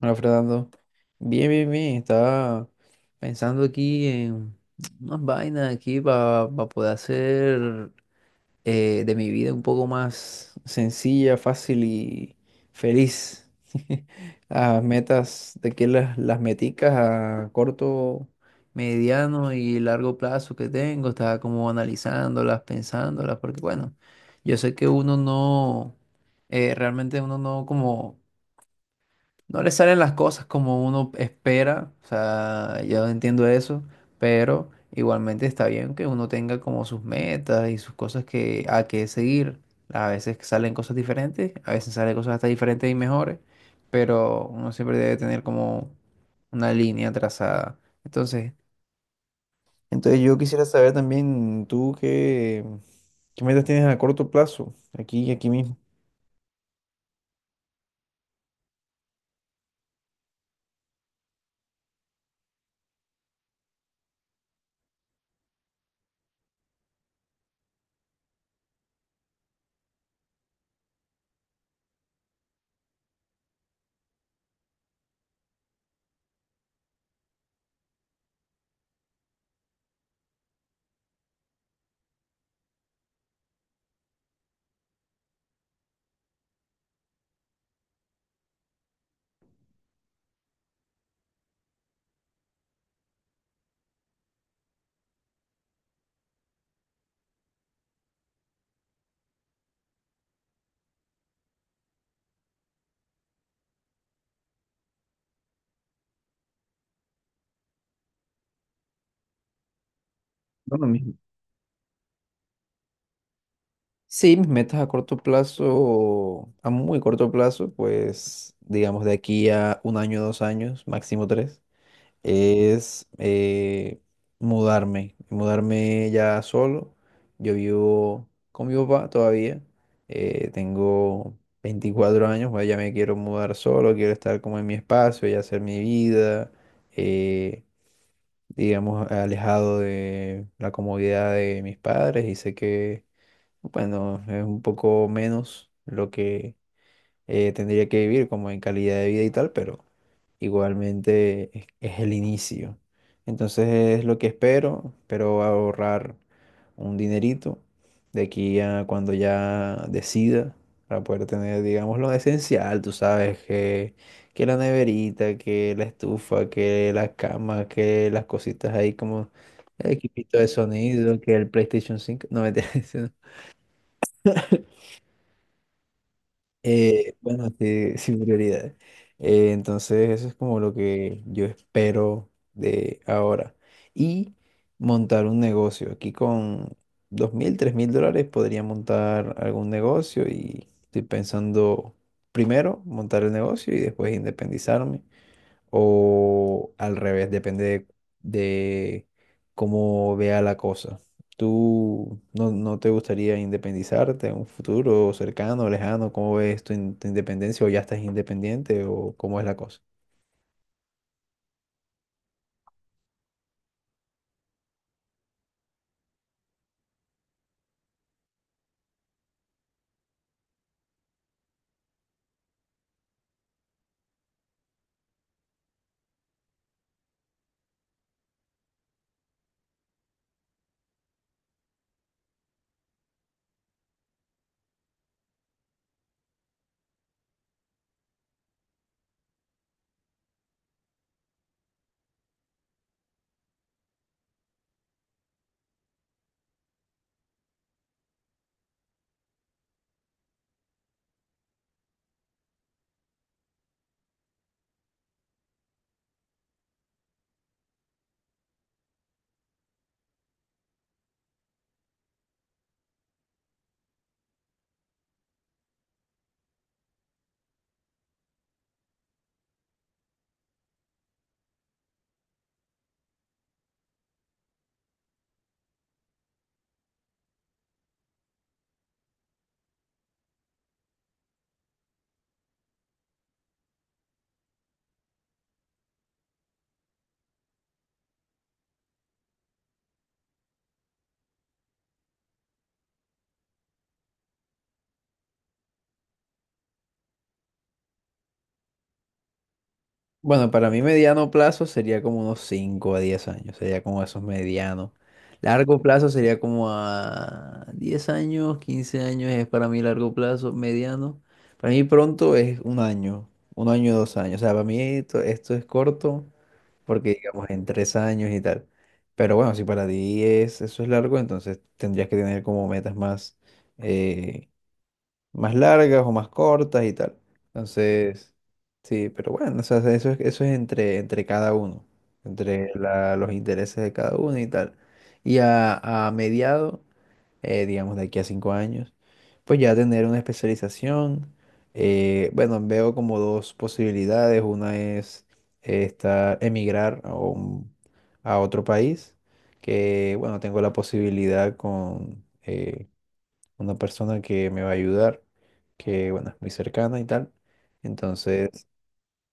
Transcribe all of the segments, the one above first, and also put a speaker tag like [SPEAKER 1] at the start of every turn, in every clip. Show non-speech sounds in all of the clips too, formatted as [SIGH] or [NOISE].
[SPEAKER 1] Hola, Fernando. Bien, bien, bien. Estaba pensando aquí en unas vainas aquí para poder hacer de mi vida un poco más sencilla, fácil y feliz. [LAUGHS] Las metas, de que las meticas a corto, mediano y largo plazo que tengo, estaba como analizándolas, pensándolas, porque bueno, yo sé que uno no, realmente uno no como no le salen las cosas como uno espera, o sea, yo entiendo eso, pero igualmente está bien que uno tenga como sus metas y sus cosas que a que seguir. A veces salen cosas diferentes, a veces salen cosas hasta diferentes y mejores, pero uno siempre debe tener como una línea trazada. Entonces, yo quisiera saber también tú qué metas tienes a corto plazo, aquí mismo. Bueno, mismo. Sí, mis metas a corto plazo, a muy corto plazo, pues digamos de aquí a un año, 2 años, máximo tres, es mudarme ya solo. Yo vivo con mi papá todavía, tengo 24 años, pues ya me quiero mudar solo, quiero estar como en mi espacio y hacer mi vida, eh, digamos, alejado de la comodidad de mis padres y sé que bueno, es un poco menos lo que tendría que vivir como en calidad de vida y tal, pero igualmente es el inicio. Entonces es lo que espero, ahorrar un dinerito de aquí a cuando ya decida para poder tener, digamos, lo esencial, tú sabes, que la neverita, que la estufa, que la cama, que las cositas ahí como el equipito de sonido, que el PlayStation 5 no me [LAUGHS] Bueno, sí, [LAUGHS] sin prioridades. Entonces, eso es como lo que yo espero de ahora. Y montar un negocio. Aquí con 2.000 3.000 dólares podría montar algún negocio y estoy pensando primero montar el negocio y después independizarme o al revés, depende de cómo vea la cosa. ¿Tú no te gustaría independizarte en un futuro cercano, lejano? ¿Cómo ves tu independencia o ya estás independiente o cómo es la cosa? Bueno, para mí mediano plazo sería como unos 5 a 10 años, sería como esos medianos. Largo plazo sería como a 10 años, 15 años es para mí largo plazo, mediano. Para mí pronto es un año, 2 años. O sea, para mí esto es corto porque digamos en 3 años y tal. Pero bueno, si para ti es, eso es largo, entonces tendrías que tener como metas más, eh, más largas o más cortas y tal. Entonces, sí, pero bueno, o sea, eso es entre cada uno, entre los intereses de cada uno y tal. Y a mediado, digamos de aquí a 5 años, pues ya tener una especialización. Bueno, veo como dos posibilidades. Una es esta, emigrar a a otro país, que bueno, tengo la posibilidad con una persona que me va a ayudar, que bueno, es muy cercana y tal. Entonces,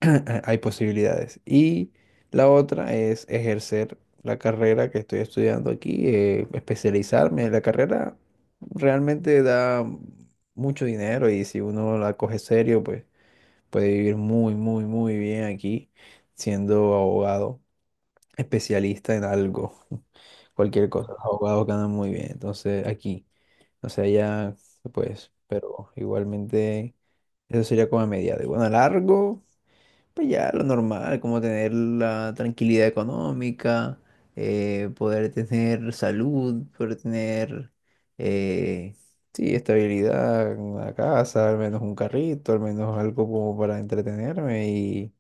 [SPEAKER 1] [LAUGHS] hay posibilidades. Y la otra es ejercer la carrera que estoy estudiando aquí, especializarme. La carrera realmente da mucho dinero y si uno la coge serio, pues puede vivir muy, muy, muy bien aquí siendo abogado, especialista en algo. [LAUGHS] Cualquier cosa, los abogados ganan muy bien. Entonces, aquí. O sea, ya, pues, pero igualmente eso sería como a mediado. Y bueno, a largo, pues ya lo normal, como tener la tranquilidad económica, poder tener salud, poder tener, eh, sí, estabilidad, una casa, al menos un carrito, al menos algo como para entretenerme y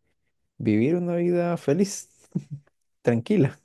[SPEAKER 1] vivir una vida feliz, [LAUGHS] tranquila.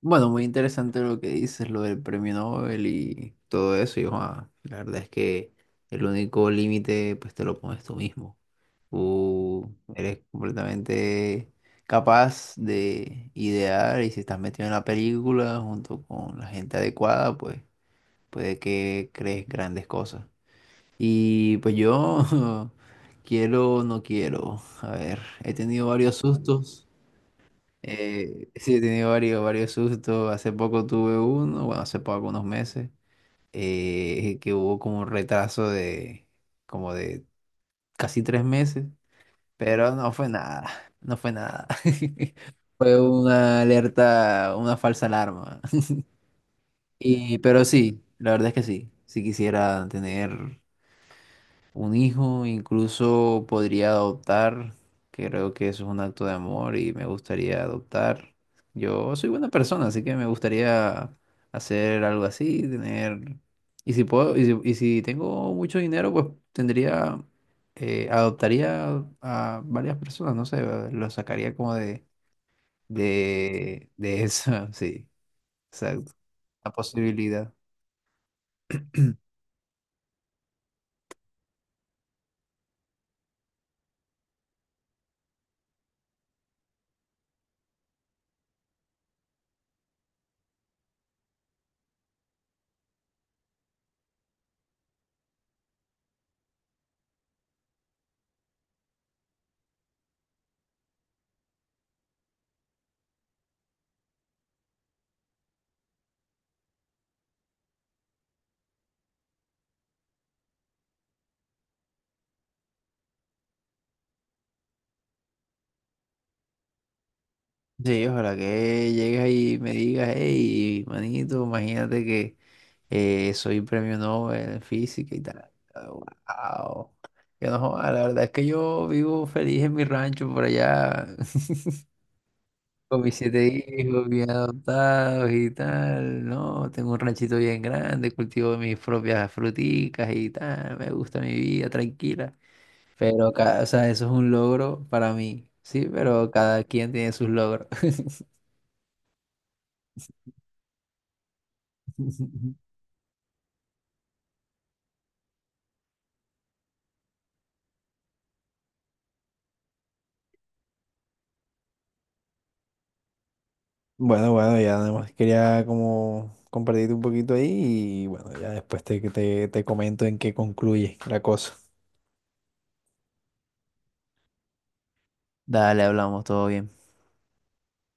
[SPEAKER 1] Bueno, muy interesante lo que dices, lo del premio Nobel y todo eso. Y joa, la verdad es que el único límite, pues te lo pones tú mismo. Tú eres completamente capaz de idear y si estás metido en la película junto con la gente adecuada, pues puede que crees grandes cosas. Y pues yo [LAUGHS] quiero, no quiero. A ver, he tenido varios sustos. Sí, he tenido varios, varios sustos. Hace poco tuve uno, bueno, hace poco, unos meses, que hubo como un retraso de como de casi 3 meses, pero no fue nada, [LAUGHS] no fue nada. [LAUGHS] Fue una alerta, una falsa alarma. [LAUGHS] Y, pero sí, la verdad es que sí quisiera tener un hijo, incluso podría adoptar. Creo que eso es un acto de amor y me gustaría adoptar. Yo soy buena persona, así que me gustaría hacer algo así, tener... Y si puedo, y si tengo mucho dinero, pues tendría, adoptaría a varias personas, no sé, lo sacaría como de, eso, [LAUGHS] sí, exacto, la posibilidad. Sí, ojalá que llegues ahí y me digas, hey, manito, imagínate que soy premio Nobel en física y tal. Wow. Yo no, joda, la verdad es que yo vivo feliz en mi rancho por allá, [LAUGHS] con mis 7 hijos bien adoptados y tal, ¿no? Tengo un ranchito bien grande, cultivo mis propias fruticas y tal, me gusta mi vida tranquila. Pero, o sea, eso es un logro para mí, sí, pero cada quien tiene sus logros. [LAUGHS] Bueno, bueno, ya nada más quería como compartirte un poquito ahí y bueno, ya después te comento en qué concluye la cosa. Dale, hablamos, todo bien.